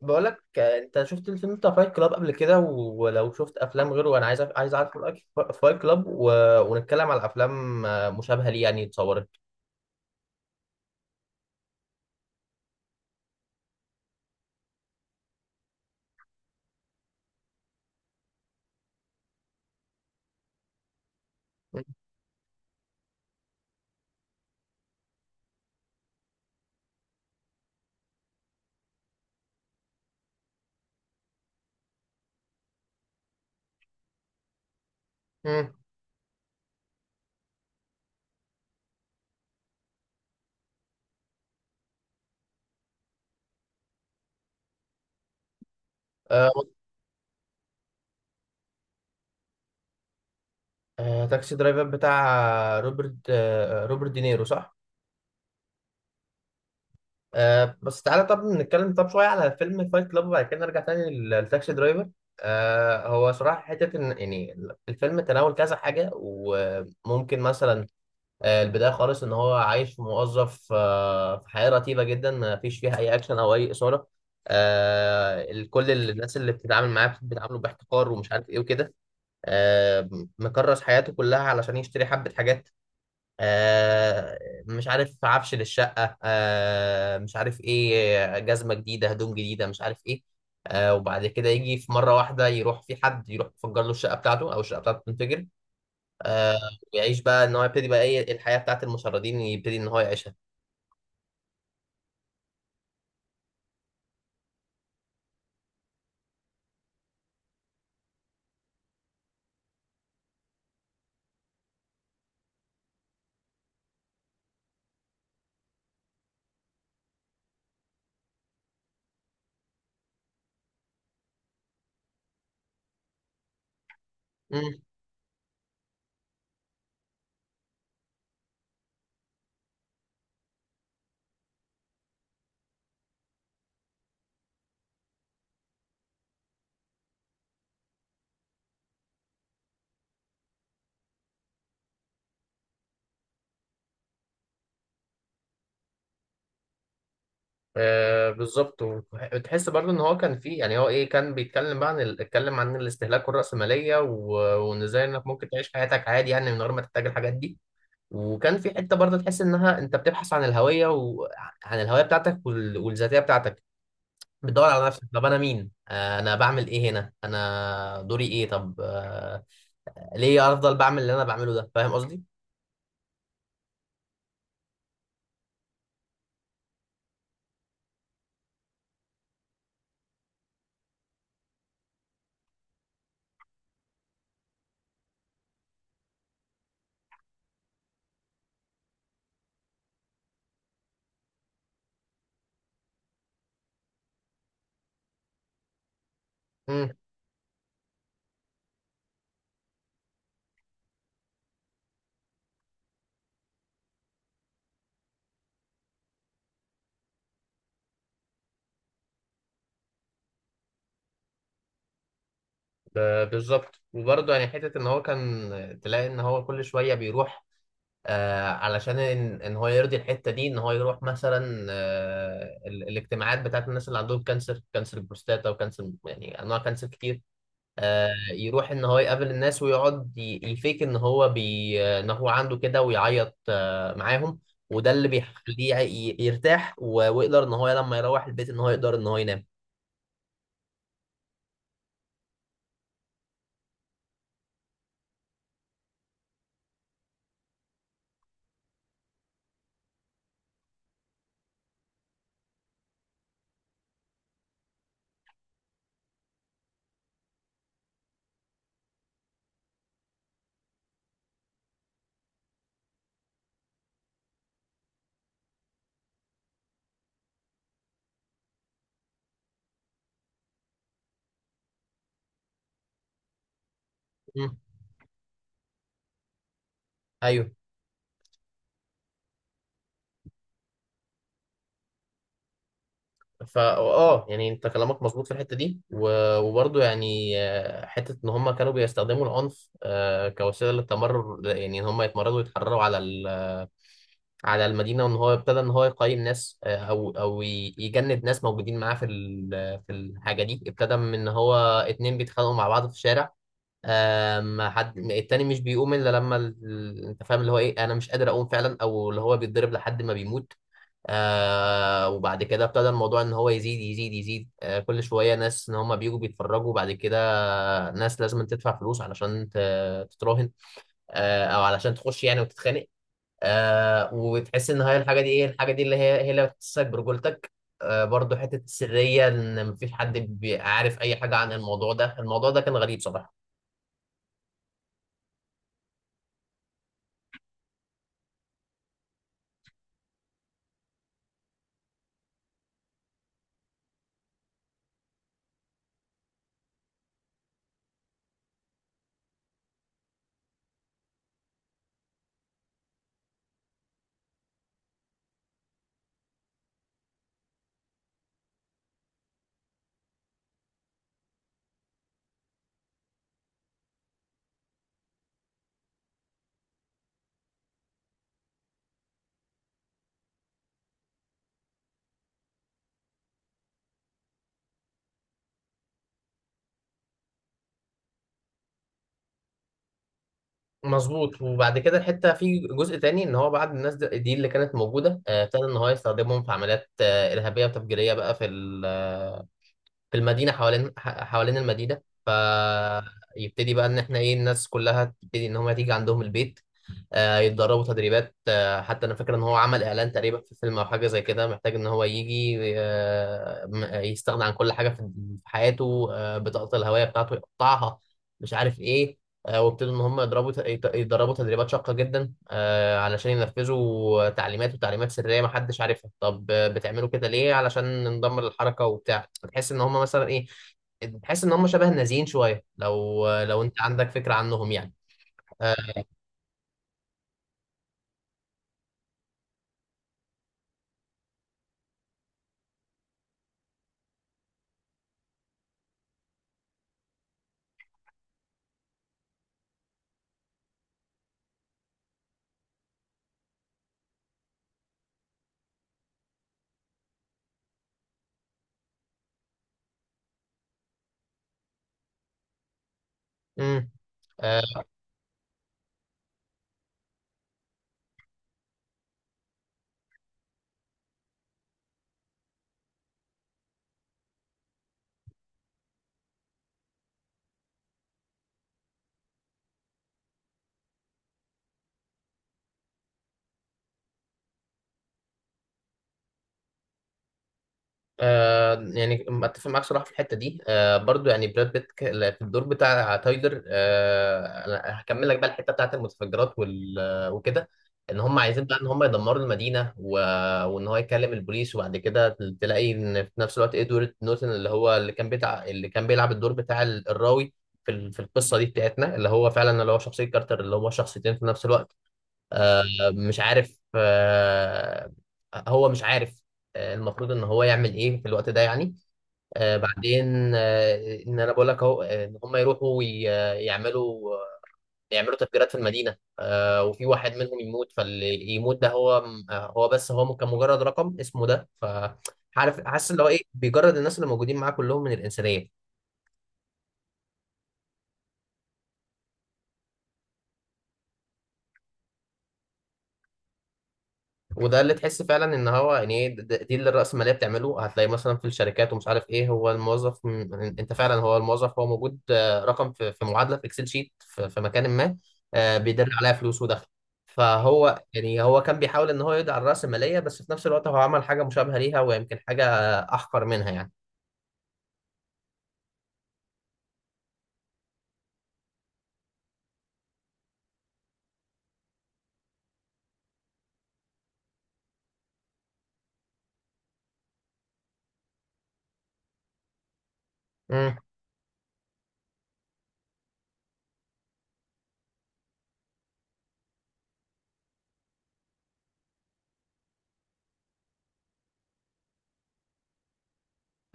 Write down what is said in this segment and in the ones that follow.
بقولك انت شفت الفيلم بتاع فايت كلاب قبل كده ولو شفت افلام غيره انا عايز عايز اعرف رايك في فايت كلاب ونتكلم على افلام مشابهه ليه يعني اتصورت. مم. آه، تاكسي درايفر بتاع روبرت روبرت دينيرو صح؟ بس تعالى طب نتكلم طب شويه على فيلم فايت كلاب وبعد كده نرجع تاني لتاكسي درايفر. هو صراحه حته ان يعني الفيلم تناول كذا حاجه وممكن مثلا البداية خالص إن هو عايش موظف في حياة رتيبة جدا ما فيش فيها أي أكشن أو أي إثارة. كل الناس اللي بتتعامل معاه بتتعامله باحتقار ومش عارف إيه وكده. آه، مكرس حياته كلها علشان يشتري حبة حاجات. آه، مش عارف عفش للشقة، مش عارف إيه، جزمة جديدة، هدوم جديدة، مش عارف إيه. وبعد كده يجي في مرة واحدة يروح في حد يروح يفجر له الشقة بتاعته أو الشقة بتاعته تنفجر. آه ويعيش بقى ان هو يبتدي بقى ايه الحياه بتاعت المشردين يبتدي ان هو يعيشها. امم. بالظبط، وتحس برضو ان هو كان فيه، يعني هو ايه، كان بيتكلم بقى عن اتكلم عن الاستهلاك والرأسمالية وان ازاي انك ممكن تعيش حياتك عادي يعني من غير ما تحتاج الحاجات دي. وكان في حته برضه تحس انها انت بتبحث عن الهويه وعن الهويه بتاعتك والذاتيه بتاعتك، بتدور على نفسك. طب انا مين؟ آه، انا بعمل ايه هنا؟ انا دوري ايه؟ طب آه، ليه افضل بعمل اللي انا بعمله ده؟ فاهم قصدي؟ بالظبط. وبرضه يعني حتة إن هو كان تلاقي إن هو كل شوية بيروح، علشان إن هو يرضي الحتة دي، إن هو يروح مثلا آه الاجتماعات بتاعت الناس اللي عندهم كانسر، كانسر البروستاتا وكانسر، يعني أنواع كانسر كتير. يروح إن هو يقابل الناس ويقعد يفيك إن هو بي إن هو عنده كده ويعيط معاهم، وده اللي بيخليه يرتاح ويقدر إن هو لما يروح البيت إن هو يقدر إن هو ينام. مم. أيوه. فا اه، يعني انت كلامك مظبوط في الحته دي، وبرضه يعني حته ان هم كانوا بيستخدموا العنف كوسيله للتمرر، يعني ان هم يتمردوا ويتحرروا على على المدينه. وان هو ابتدى ان هو يقيم ناس او او يجند ناس موجودين معاه في في الحاجه دي. ابتدى من ان هو اتنين بيتخانقوا مع بعض في الشارع، ما حد التاني مش بيقوم الا لما انت فاهم اللي هو ايه، انا مش قادر اقوم فعلا، او اللي هو بيتضرب لحد ما بيموت. وبعد كده ابتدى الموضوع ان هو يزيد يزيد يزيد، كل شويه ناس ان هم بيجوا بيتفرجوا، بعد كده ناس لازم تدفع فلوس علشان تتراهن، او علشان تخش يعني وتتخانق. وتحس ان هي الحاجه دي، ايه الحاجه دي اللي هي، هي اللي بتحسسك برجولتك. برضه حته السريه، ان مفيش حد عارف اي حاجه عن الموضوع ده. الموضوع ده كان غريب صراحه. مظبوط. وبعد كده الحته في جزء تاني ان هو بعد الناس دي اللي كانت موجوده، ابتدى ان هو يستخدمهم في عمليات ارهابيه وتفجيريه بقى في في المدينه، حوالين حوالين المدينه. فيبتدي بقى ان احنا ايه، الناس كلها تبتدي ان هم تيجي عندهم البيت، يتدربوا تدريبات. حتى انا فاكر ان هو عمل اعلان تقريبا في فيلم او حاجه زي كده، محتاج ان هو يجي يستغنى عن كل حاجه في في حياته، بطاقه الهويه بتاعته يقطعها، مش عارف ايه. وابتدوا ان هم يضربوا يتدربوا تدريبات شاقه جدا، علشان ينفذوا تعليمات وتعليمات سريه ما حدش عارفها. طب بتعملوا كده ليه؟ علشان ندمر الحركه وبتاع. تحس ان هم مثلا ايه، تحس ان هم شبه النازيين شويه، لو انت عندك فكره عنهم يعني. امم. يعني اتفق معاك صراحه في الحته دي. برضو يعني براد بيت لا، في الدور بتاع تايلر، أنا هكمل لك بقى الحته بتاعت المتفجرات وال آه، وكده. ان هم عايزين بقى ان هم يدمروا المدينه وان هو يكلم البوليس. وبعد كده تلاقي ان في نفس الوقت ادوارد نورتن اللي هو اللي كان بتاع اللي كان بيلعب الدور بتاع الراوي في في القصه دي بتاعتنا، اللي هو فعلا اللي هو شخصيه كارتر، اللي هو شخصيتين في نفس الوقت. مش عارف هو مش عارف، المفروض ان هو يعمل ايه في الوقت ده يعني. بعدين ان انا بقول لك اهو، ان هم يروحوا يعملوا تفجيرات في المدينه، وفي واحد منهم يموت، فاللي يموت ده هو آه، هو بس هو كان مجرد رقم اسمه ده. ف عارف حاسس اللي هو ايه، بيجرد الناس اللي موجودين معاه كلهم من الانسانيه. وده اللي تحس فعلا ان هو يعني ايه دي اللي الرأسمالية بتعمله. هتلاقي مثلا في الشركات ومش عارف ايه هو الموظف، انت فعلا هو الموظف هو موجود رقم في في معادلة في اكسل شيت في في مكان ما، بيدر عليها فلوس ودخل. فهو يعني هو كان بيحاول ان هو يدعي على الرأسمالية، بس في نفس الوقت هو عمل حاجة مشابهة ليها، ويمكن حاجة احقر منها يعني. امم.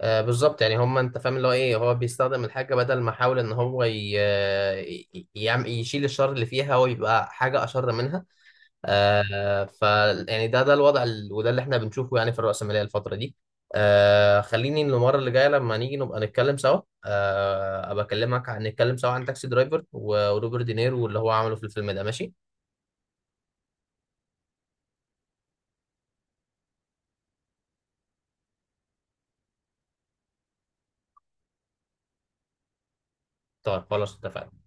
بالظبط. يعني هم انت فاهم اللي هو ايه، هو بيستخدم الحاجه، بدل ما يحاول ان هو ي... آه، ي- يعم- يشيل الشر اللي فيها، هو يبقى حاجه اشر منها. آه ف يعني ده الوضع وده اللي احنا بنشوفه يعني في الرأسمالية الفترة دي. خليني المرة اللي جاية لما نيجي نبقى نتكلم سوا، ابقى اكلمك عن نتكلم سوا عن تاكسي درايفر وروبرت دينيرو واللي هو عمله في الفيلم ده، ماشي؟ طيب خلاص اتفقنا.